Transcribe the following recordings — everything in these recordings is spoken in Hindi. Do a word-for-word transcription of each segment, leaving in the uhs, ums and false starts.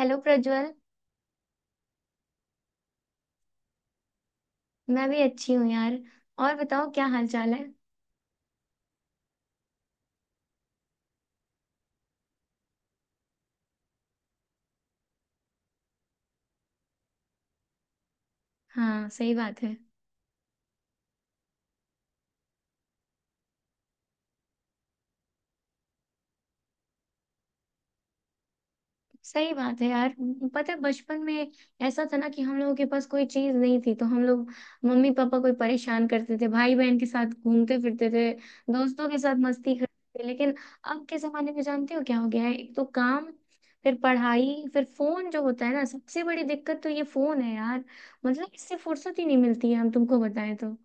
हेलो प्रज्वल। मैं भी अच्छी हूँ यार। और बताओ क्या हाल चाल है। हाँ सही बात है। सही बात है यार। पता है बचपन में ऐसा था ना कि हम लोगों के पास कोई चीज नहीं थी तो हम लोग मम्मी पापा कोई परेशान करते थे, भाई बहन के साथ घूमते फिरते थे, दोस्तों के साथ मस्ती करते थे। लेकिन अब के जमाने में जानते हो क्या हो गया है, एक तो काम, फिर पढ़ाई, फिर फोन जो होता है ना, सबसे बड़ी दिक्कत तो ये फोन है यार। मतलब इससे फुर्सत ही नहीं मिलती है हम तुमको बताएं तो।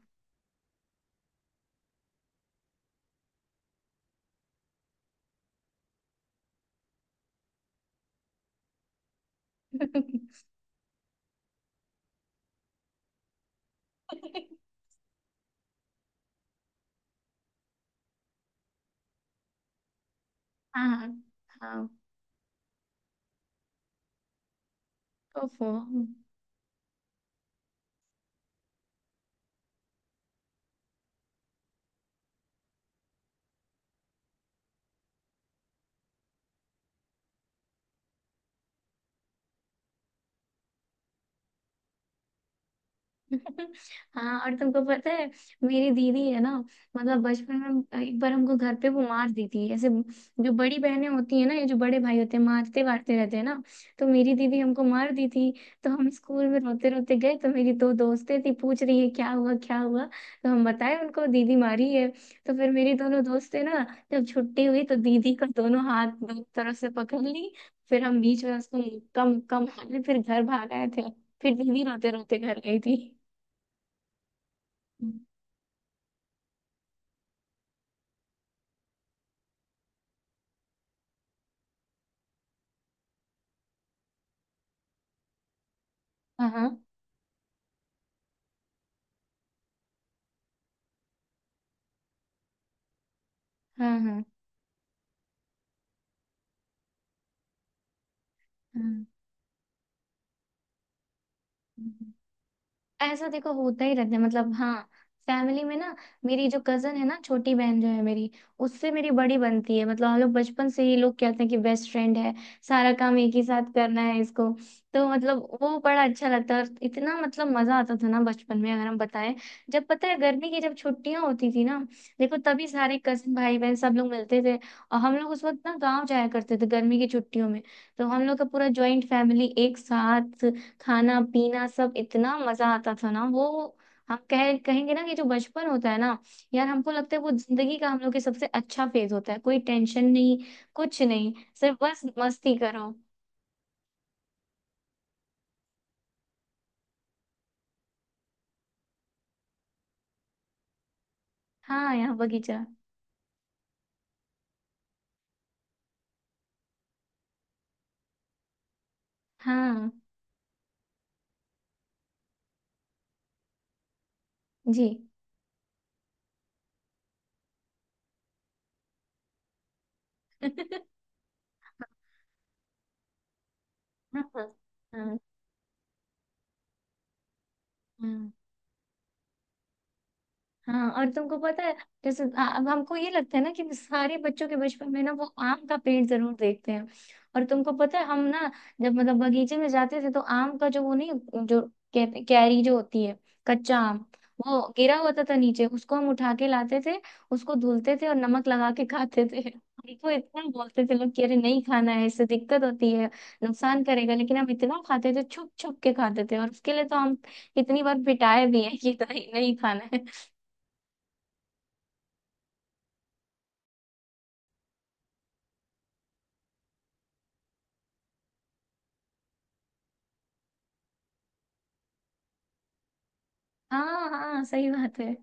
हाँ हाँ। ओफो। हाँ और तुमको पता है मेरी दीदी है ना, मतलब बचपन में एक बार हमको घर पे वो मार दी थी ऐसे। जो बड़ी बहनें होती है ना, ये जो बड़े भाई होते हैं मारते वारते रहते हैं ना। तो मेरी दीदी हमको मार दी थी। तो हम स्कूल में रोते रोते गए तो मेरी दो दोस्तें थी, पूछ रही है क्या हुआ क्या हुआ। तो हम बताए उनको दीदी मारी है। तो फिर मेरी दोनों दोस्तें ना, जब छुट्टी हुई तो दीदी का दोनों हाथ दो तरफ से पकड़ ली, फिर हम बीच में उसको मुक्का मुक्का मारे, फिर घर भाग आए थे। फिर दीदी रोते रोते घर गई थी। हाँ हाँ हाँ हाँ। हाँ। ऐसा देखो होता ही रहता है, मतलब हाँ। फैमिली में ना मेरी जो कजन है ना, छोटी बहन जो है मेरी, उससे मेरी बड़ी बनती है। मतलब हम लोग बचपन से ही, लोग कहते हैं कि बेस्ट फ्रेंड है। सारा काम एक ही साथ करना है इसको। तो मतलब वो बड़ा अच्छा लगता है, और इतना मतलब मजा आता था ना बचपन में, अगर हम बताएं। जब पता है गर्मी की जब छुट्टियां होती थी ना, देखो तभी सारे कजन भाई बहन सब लोग मिलते थे। और हम लोग उस वक्त ना गाँव जाया करते थे गर्मी की छुट्टियों में। तो हम लोग का पूरा ज्वाइंट फैमिली एक साथ, खाना पीना, सब इतना मजा आता था ना वो। हम कह कहेंगे ना कि जो बचपन होता है ना, यार हमको लगता है वो जिंदगी का हम लोग के सबसे अच्छा फेज होता है। कोई टेंशन नहीं, कुछ नहीं, सिर्फ बस मस्ती करो। हाँ यहाँ बगीचा। हाँ। जी। हाँ हाँ हाँ। हाँ और तुमको पता है जैसे आ- अब हमको ये लगता है ना कि सारे बच्चों के बचपन में ना वो आम का पेड़ जरूर देखते हैं। और तुमको पता है हम ना जब मतलब बगीचे में जाते थे तो आम का जो वो नहीं, जो कै- कैरी जो होती है, कच्चा आम, वो गिरा होता था नीचे, उसको हम उठा के लाते थे, उसको धुलते थे और नमक लगा के खाते थे। हमको इतना बोलते थे लोग कि अरे नहीं खाना है, इससे दिक्कत होती है, नुकसान करेगा। लेकिन हम इतना खाते थे, छुप छुप के खाते थे, और उसके लिए तो हम इतनी बार पिटाए भी हैं कि नहीं नहीं खाना है। हाँ हाँ सही बात है।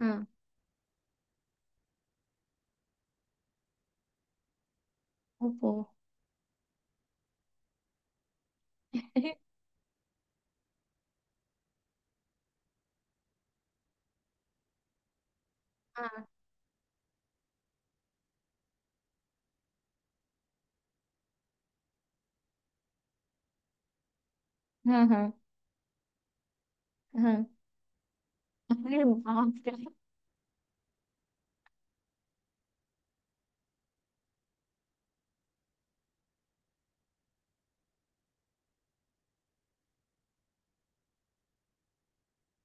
हाँ। ओप्पो। हाँ हाँ हाँ हाँ। अरे बाप रे।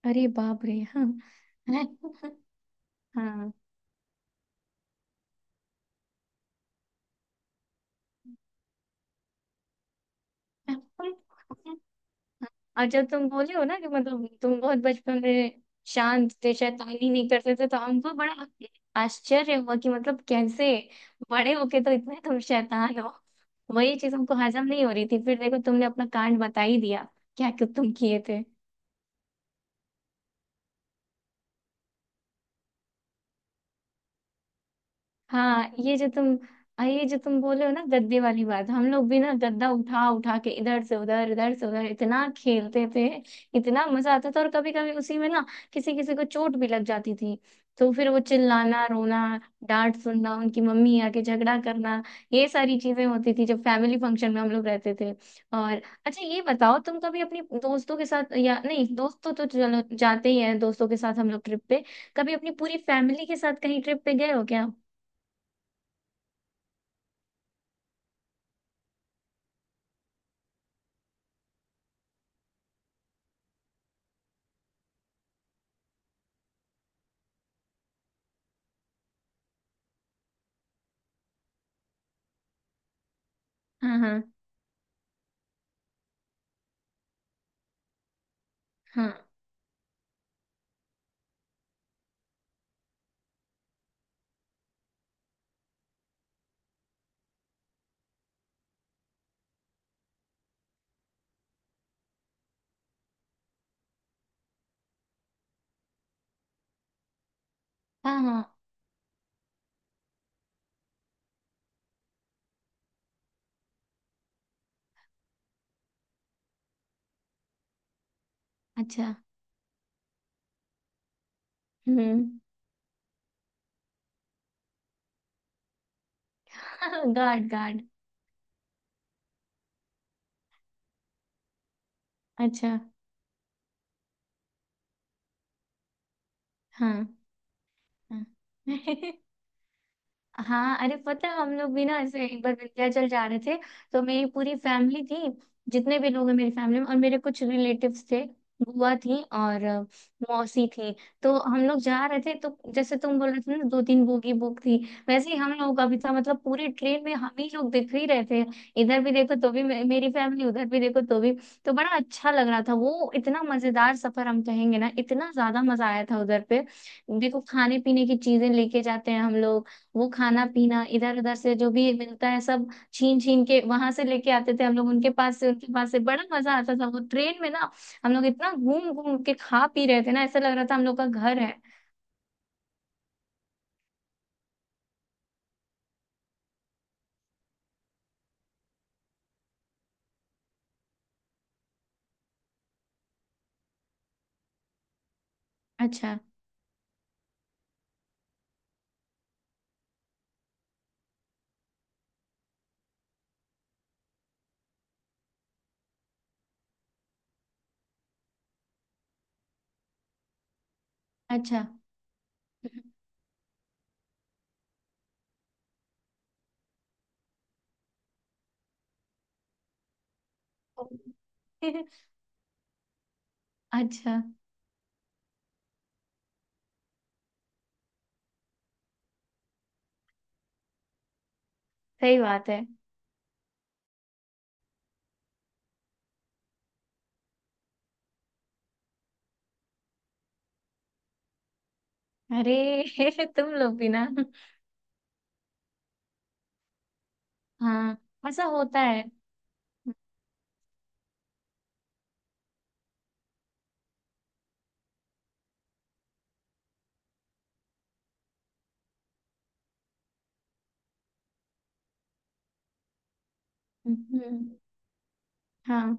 अरे बाप रे हाँ। हाँ और जब तुम बोले हो ना कि मतलब तुम बहुत बचपन में शांत थे, शैतानी नहीं करते थे, तो हमको बड़ा आश्चर्य हुआ कि मतलब कैसे बड़े होके तो इतने तुम शैतान हो। वही चीज हमको हजम नहीं हो रही थी, फिर देखो तुमने अपना कांड बता ही दिया क्या क्या तुम किए थे। हाँ ये जो तुम, आ, ये जो तुम बोले हो ना गद्दे वाली बात, हम लोग भी ना गद्दा उठा उठा के इधर से उधर, इधर से उधर, इतना खेलते थे। इतना मजा आता था, और कभी कभी उसी में ना किसी किसी को चोट भी लग जाती थी, तो फिर वो चिल्लाना, रोना, डांट सुनना, उनकी मम्मी आके झगड़ा करना, ये सारी चीजें होती थी जब फैमिली फंक्शन में हम लोग रहते थे। और अच्छा ये बताओ, तुम कभी अपने दोस्तों के साथ, या नहीं दोस्तों तो चलो जाते ही हैं दोस्तों के साथ हम लोग ट्रिप पे, कभी अपनी पूरी फैमिली के साथ कहीं ट्रिप पे गए हो क्या। हाँ हाँ हाँ हाँ हाँ। अच्छा। हम्म। Guard guard. अच्छा। हाँ हाँ। हाँ अरे पता है हम लोग भी ना ऐसे एक बार विंध्याचल जा रहे थे, तो मेरी पूरी फैमिली थी, जितने भी लोग हैं मेरी फैमिली में, और मेरे कुछ रिलेटिव्स थे, बुआ थी और अ, मौसी थी। तो हम लोग जा रहे थे, तो जैसे तुम बोल रहे थे ना दो तीन बोगी बुक थी, वैसे ही हम लोगों का भी था। मतलब पूरी ट्रेन में हम ही लोग दिख ही रहे थे। इधर भी देखो तो भी मे- मेरी फैमिली, उधर भी देखो तो भी। तो बड़ा अच्छा लग रहा था वो, इतना मजेदार सफर हम कहेंगे ना, इतना ज्यादा मजा आया था उधर पे। देखो खाने पीने की चीजें लेके जाते हैं हम लोग, वो खाना पीना इधर उधर से जो भी मिलता है सब छीन छीन के वहां से लेके आते थे हम लोग, उनके पास से उनके पास से। बड़ा मजा आता था वो ट्रेन में ना, हम लोग इतना घूम घूम के खा पी रहे थे ना, ऐसा लग रहा था हम लोग का घर है। अच्छा अच्छा। अच्छा। सही बात है। अरे तुम लोग भी ना। हाँ ऐसा होता है। हम्म। हाँ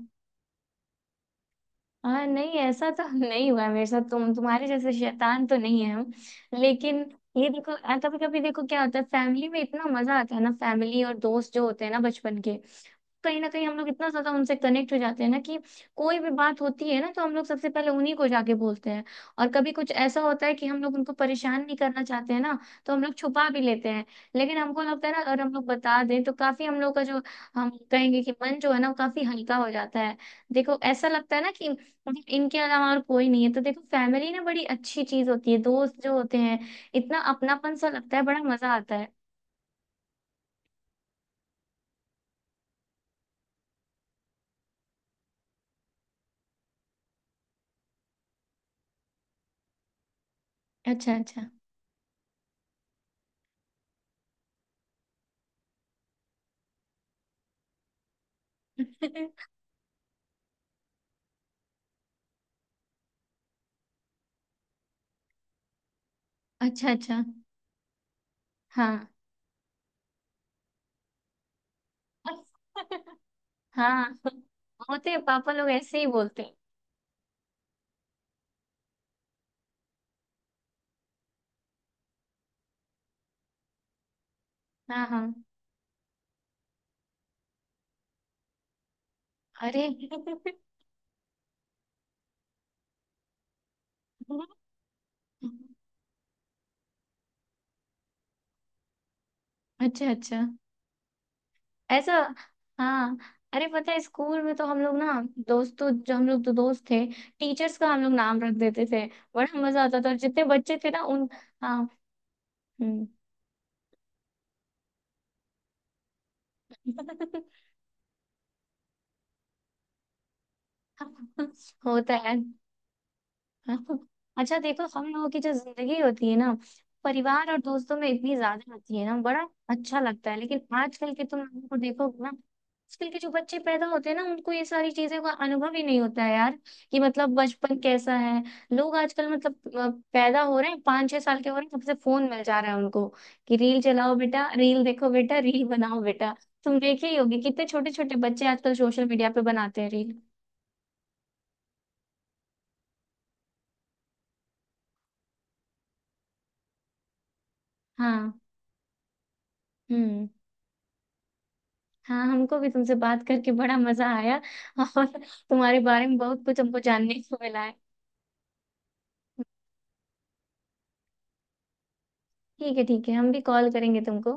हाँ नहीं ऐसा तो नहीं हुआ है मेरे साथ। तुम तुम्हारे जैसे शैतान तो नहीं है हम। लेकिन ये देखो कभी कभी देखो क्या होता है, फैमिली में इतना मजा आता है ना, फैमिली और दोस्त जो होते हैं ना बचपन के, कहीं ना कहीं हम लोग इतना ज्यादा उनसे कनेक्ट हो जाते हैं ना कि कोई भी बात होती है ना तो हम लोग सबसे पहले उन्हीं को जाके बोलते हैं। और कभी कुछ ऐसा होता है कि हम लोग उनको परेशान नहीं करना चाहते हैं ना, तो हम लोग छुपा भी लेते हैं। लेकिन हमको लगता है ना अगर हम लोग बता दें तो काफी हम लोग का जो, हम कहेंगे कि मन जो है ना, वो काफी हल्का हो जाता है। देखो ऐसा लगता है ना कि मतलब इनके अलावा और कोई नहीं है। तो देखो फैमिली ना बड़ी अच्छी चीज होती है, दोस्त जो होते हैं, इतना अपनापन सा लगता है, बड़ा मजा आता है। अच्छा अच्छा। अच्छा अच्छा। हाँ। हाँ होते हैं पापा लोग ऐसे ही बोलते हैं। हाँ हाँ। अरे। अच्छा अच्छा। ऐसा। हाँ अरे पता है स्कूल में तो हम लोग ना, दोस्तों जो हम लोग तो दोस्त थे, टीचर्स का हम लोग नाम रख देते थे। बड़ा मजा आता था, और जितने बच्चे थे ना उन, हाँ। हम्म। होता है। अच्छा देखो हम लोगों की जो जिंदगी होती है ना, परिवार और दोस्तों में इतनी ज्यादा होती है ना, बड़ा अच्छा लगता है। लेकिन आजकल के तुम लोगों को देखोगे ना, आजकल के जो बच्चे पैदा होते हैं ना, उनको ये सारी चीजों का अनुभव ही नहीं होता है यार, कि मतलब बचपन कैसा है। लोग आजकल मतलब अ, पैदा हो रहे हैं, पाँच छह साल के हो रहे हैं, सबसे फोन मिल जा रहा है उनको, कि रील चलाओ बेटा, रील देखो बेटा, रील बनाओ बेटा। तुम देखे ही होगी कितने छोटे छोटे बच्चे आजकल सोशल मीडिया पे बनाते हैं रील। हाँ। हम्म। हाँ हमको भी तुमसे बात करके बड़ा मजा आया। और तुम्हारे बारे में बहुत कुछ हमको जानने को मिला है। ठीक है ठीक है हम भी कॉल करेंगे तुमको।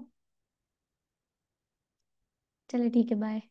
चलो ठीक है बाय।